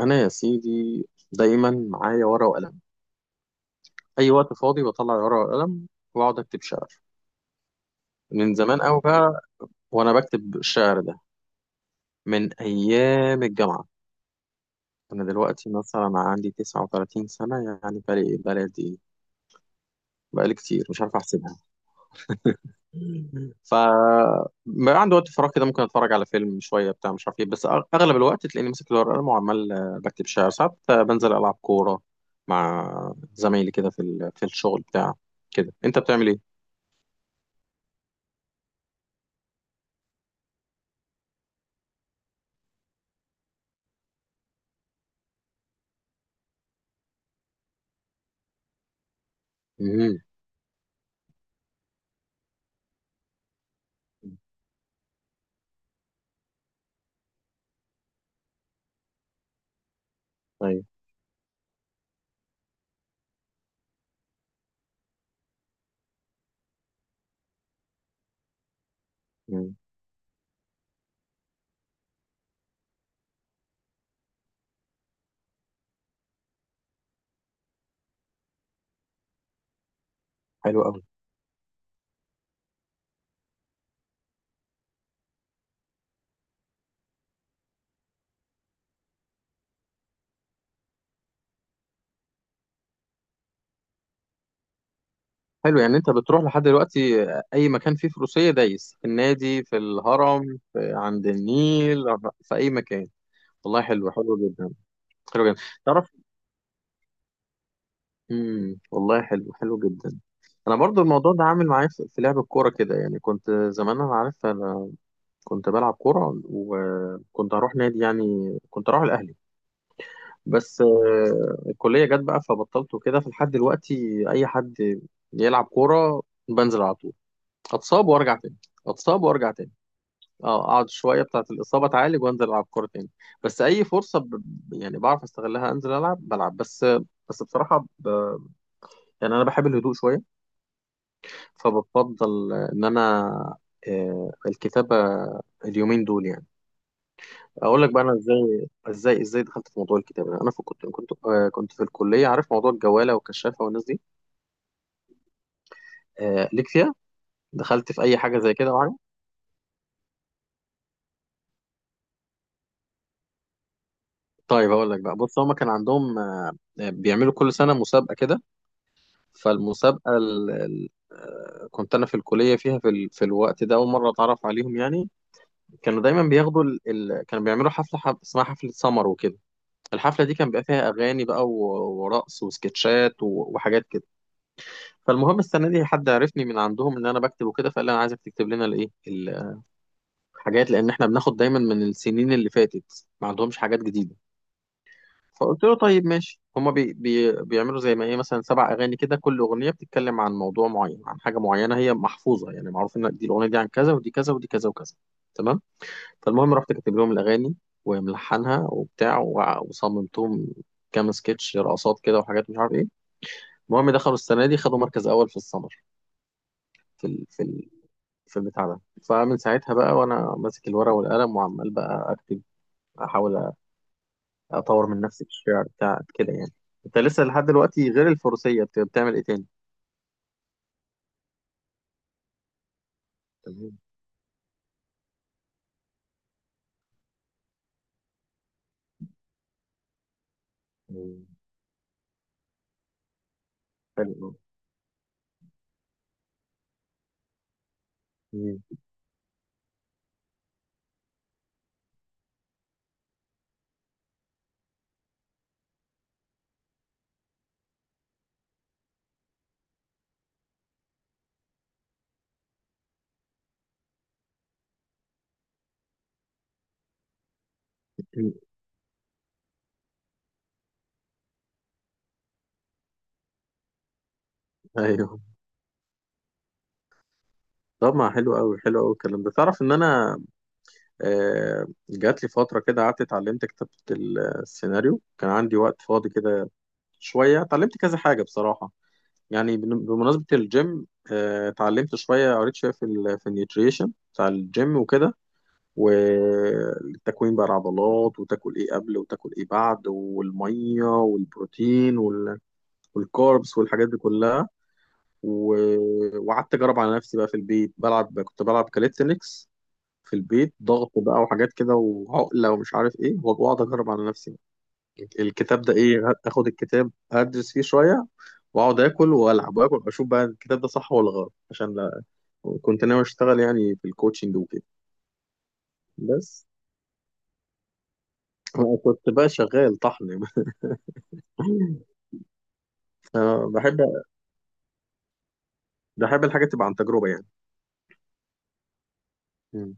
انا يا سيدي دايما معايا ورقه وقلم. اي وقت فاضي بطلع ورقه وقلم واقعد اكتب شعر، من زمان قوي بقى. وانا بكتب الشعر ده من ايام الجامعه. انا دلوقتي مثلا عندي 39 سنه، يعني بقالي بلدي، بقالي كتير مش عارف احسبها. ف ما عندي وقت فراغ كده، ممكن اتفرج على فيلم شويه بتاع مش عارف ايه، بس اغلب الوقت تلاقيني ماسك الورقه والقلم وعمال بكتب شعر، ساعات بنزل العب كوره مع زمايلي كده في الشغل بتاع كده. انت بتعمل ايه؟ امم، طيب. مم. حلو قوي. حلو، يعني انت بتروح لحد دلوقتي اي مكان فيه فروسيه، دايس في النادي، في الهرم، في عند النيل، في اي مكان. والله حلو، حلو جدا. حلو جدا، تعرف. امم، والله حلو، حلو جدا. انا برضو الموضوع ده عامل معايا في لعب الكوره كده، يعني كنت زمان، انا عارف انا كنت بلعب كوره وكنت هروح نادي، يعني كنت اروح الاهلي، بس الكليه جت بقى فبطلت وكده. فلحد دلوقتي اي حد يلعب كوره بنزل على طول، اتصاب وارجع تاني، اتصاب وارجع تاني، اه اقعد شويه بتاعه الاصابه اتعالج وانزل العب كوره تاني. بس اي فرصه، يعني بعرف استغلها، انزل العب بلعب بس. بس بصراحه، يعني انا بحب الهدوء شويه، فبفضل ان انا الكتابه، اليومين دول يعني. اقول لك بقى انا ازاي دخلت في موضوع الكتابه. انا في كنت كنت آه، كنت في الكليه، عارف موضوع الجواله والكشافه والناس دي؟ ليك فيها؟ دخلت في اي حاجه زي كده معايا؟ طيب اقول لك بقى، بص هما كان عندهم بيعملوا كل سنه مسابقه كده. فالمسابقه كنت انا في الكليه فيها، في الوقت ده اول مره اتعرف عليهم يعني. كانوا دايما بياخدوا كانوا بيعملوا حفله، اسمها حفله سمر وكده. الحفلة دي كان بيبقى فيها أغاني بقى ورقص وسكتشات وحاجات كده. فالمهم السنة دي حد عرفني من عندهم إن أنا بكتب وكده، فقال لي أنا عايزك تكتب لنا الإيه، الحاجات، لأن إحنا بناخد دايما من السنين اللي فاتت ما عندهمش حاجات جديدة. فقلت له طيب ماشي. هما بي بي بيعملوا زي ما إيه، مثلا سبع أغاني كده، كل أغنية بتتكلم عن موضوع معين، عن حاجة معينة هي محفوظة يعني، معروف إن دي الأغنية دي عن كذا، ودي كذا، ودي كذا وكذا. تمام. فالمهم رحت كاتب لهم الأغاني وملحنها وبتاع وصممتهم كام سكتش، رقصات كده وحاجات مش عارف ايه. المهم دخلوا السنة دي خدوا مركز أول في السمر، في ال... في ال... في البتاع ده. فمن ساعتها بقى وأنا ماسك الورقة والقلم وعمال بقى أكتب، أحاول أ- أطور من نفسي في الشعر بتاع كده يعني. أنت لسه لحد دلوقتي، غير الفروسية، بتعمل إيه تاني؟ تمام. مم. حلو أوي. مم. أيوه. طب ما حلو أوي، حلو أوي الكلام ده. تعرف إن أنا جات لي فترة كده قعدت اتعلمت كتابة السيناريو، كان عندي وقت فاضي كده، شوية اتعلمت كذا حاجة بصراحة. يعني بمناسبة الجيم، اتعلمت شوية، قريت شوية في في النيوتريشن بتاع الجيم وكده، والتكوين بقى العضلات، وتاكل ايه قبل وتاكل ايه بعد، والمية والبروتين والكاربس والحاجات دي كلها. وقعدت اجرب على نفسي بقى في البيت، كنت بلعب كاليستنكس في البيت، ضغط بقى وحاجات كده وعقلة ومش عارف ايه، واقعد اجرب على نفسي، الكتاب ده ايه، اخد الكتاب ادرس فيه شوية، واقعد اكل والعب واكل اشوف بقى الكتاب ده صح ولا غلط، عشان لا، كنت ناوي اشتغل يعني في الكوتشنج وكده. بس أنا كنت بقى شغال طحن. فبحب بحب الحاجة تبقى عن تجربة يعني. مم.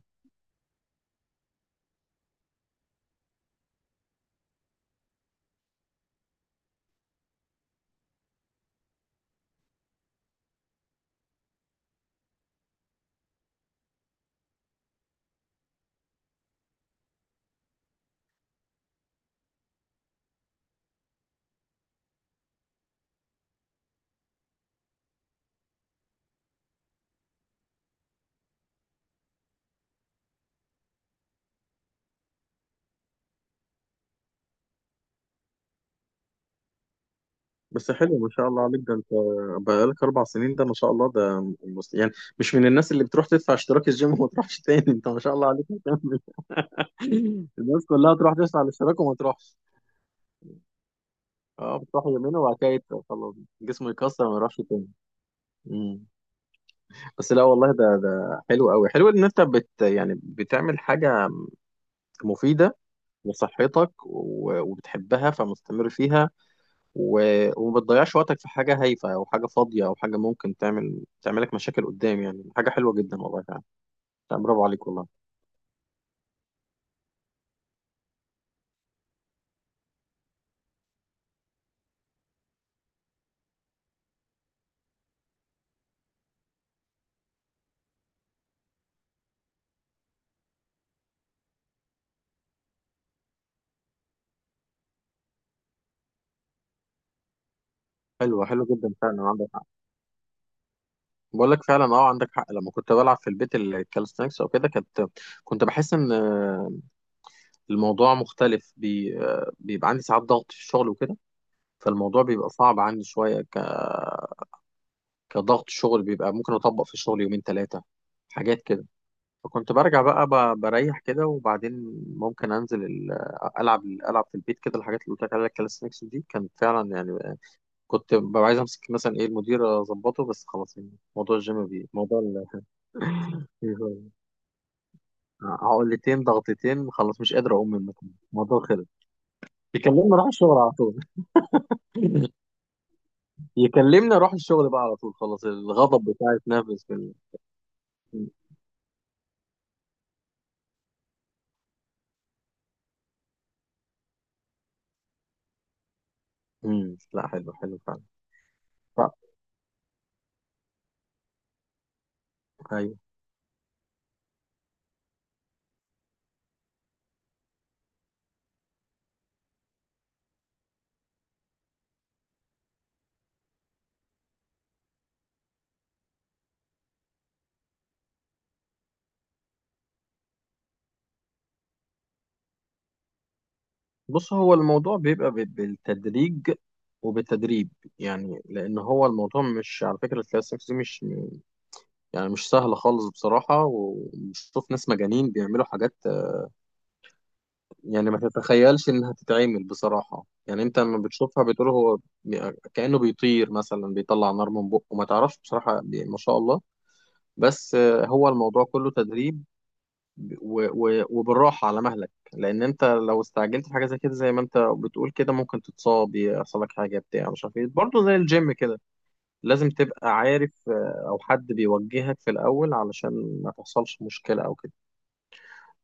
بس حلو، ما شاء الله عليك، ده انت بقالك اربع سنين، ده ما شاء الله، يعني مش من الناس اللي بتروح تدفع اشتراك الجيم وما تروحش تاني، انت ما شاء الله عليك. الناس كلها تروح تدوس على الاشتراك وما تروحش. اه، بتروح يمين وبعد كده خلاص، جسمه يكسر ما يروحش تاني. مم. بس لا والله، ده ده حلو قوي، حلو ان انت يعني بتعمل حاجه مفيده لصحتك وبتحبها، فمستمر فيها، وما بتضيعش وقتك في حاجه هايفه او حاجه فاضيه او حاجه ممكن تعملك مشاكل قدام، يعني حاجه حلوه جدا، والله فعلا. لا، برافو عليك والله. حلوه، حلوه جدا فعلا عندك. بقول لك فعلا، اه عندك حق. لما كنت بلعب في البيت الكالستنكس او كده، كنت بحس ان الموضوع مختلف، بي... آه، بيبقى عندي ساعات ضغط في الشغل وكده. فالموضوع بيبقى صعب عندي شويه، كضغط شغل، بيبقى ممكن اطبق في الشغل يومين ثلاثه حاجات كده. فكنت برجع بقى، بريح كده، وبعدين ممكن انزل العب، العب في البيت كده. الحاجات اللي قلت لك عليها الكالستنكس دي كانت فعلا يعني كنت ببقى عايز امسك مثلا ايه المدير اظبطه، بس خلاص. يعني موضوع الجيم، موضوع ال... عقلتين ضغطتين، خلاص مش قادر اقوم من المكان، الموضوع خلص، يكلمني اروح الشغل على طول. يكلمني اروح الشغل بقى على طول، خلاص الغضب بتاعي اتنفس في مم. لا حلو حلو فعلا. ف... ايوه، بص هو الموضوع بيبقى بالتدريج وبالتدريب، يعني لان هو الموضوع، مش على فكره الكلاس سكس دي مش، يعني مش سهل خالص بصراحه، وبشوف ناس مجانين بيعملوا حاجات يعني ما تتخيلش انها تتعمل بصراحة. يعني انت لما بتشوفها بتقول هو كأنه بيطير مثلا، بيطلع نار من بقه، ما تعرفش بصراحة، ما شاء الله. بس هو الموضوع كله تدريب وبالراحة على مهلك، لان انت لو استعجلت في حاجة زي كده، زي ما انت بتقول كده، ممكن تتصاب، يحصل لك حاجة بتاع مش عارف ايه، برضه زي الجيم كده لازم تبقى عارف، او حد بيوجهك في الاول علشان ما تحصلش مشكلة او كده.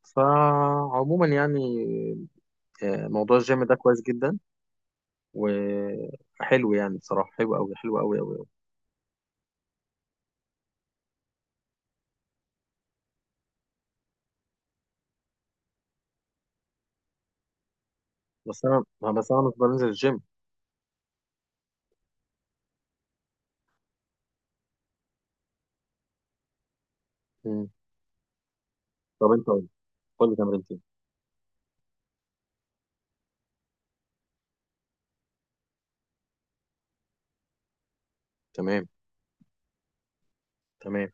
فعموما يعني موضوع الجيم ده كويس جدا، وحلو يعني، بصراحة حلو أوي، حلو أوي أوي أوي. بس أنا بس أنا مش بنزل الجيم. مم. طب أنت قول، قول لي تمرينتين. تمام. تمام.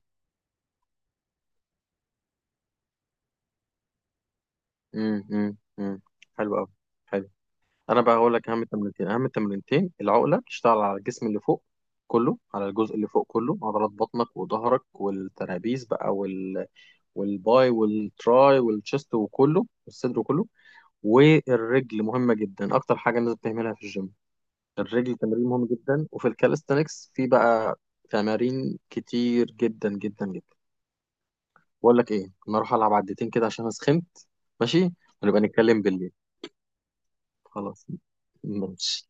مم. مم. مم. حلو أوي. حلو. أنا بقى هقول لك أهم التمرينتين. أهم التمرينتين، العقلة بتشتغل على الجسم اللي فوق، كله على الجزء اللي فوق، كله عضلات بطنك وظهرك والترابيز بقى والباي والتراي والتشست وكله، والصدر وكله. والرجل مهمة جدا، أكتر حاجة الناس بتهملها في الجيم، الرجل تمرين مهم جدا. وفي الكاليستانكس في بقى تمارين كتير جدا جدا جدا. بقول لك ايه، انا اروح العب عدتين كده عشان انا سخنت. ماشي، ونبقى نتكلم بالليل. خلاص. ماشي.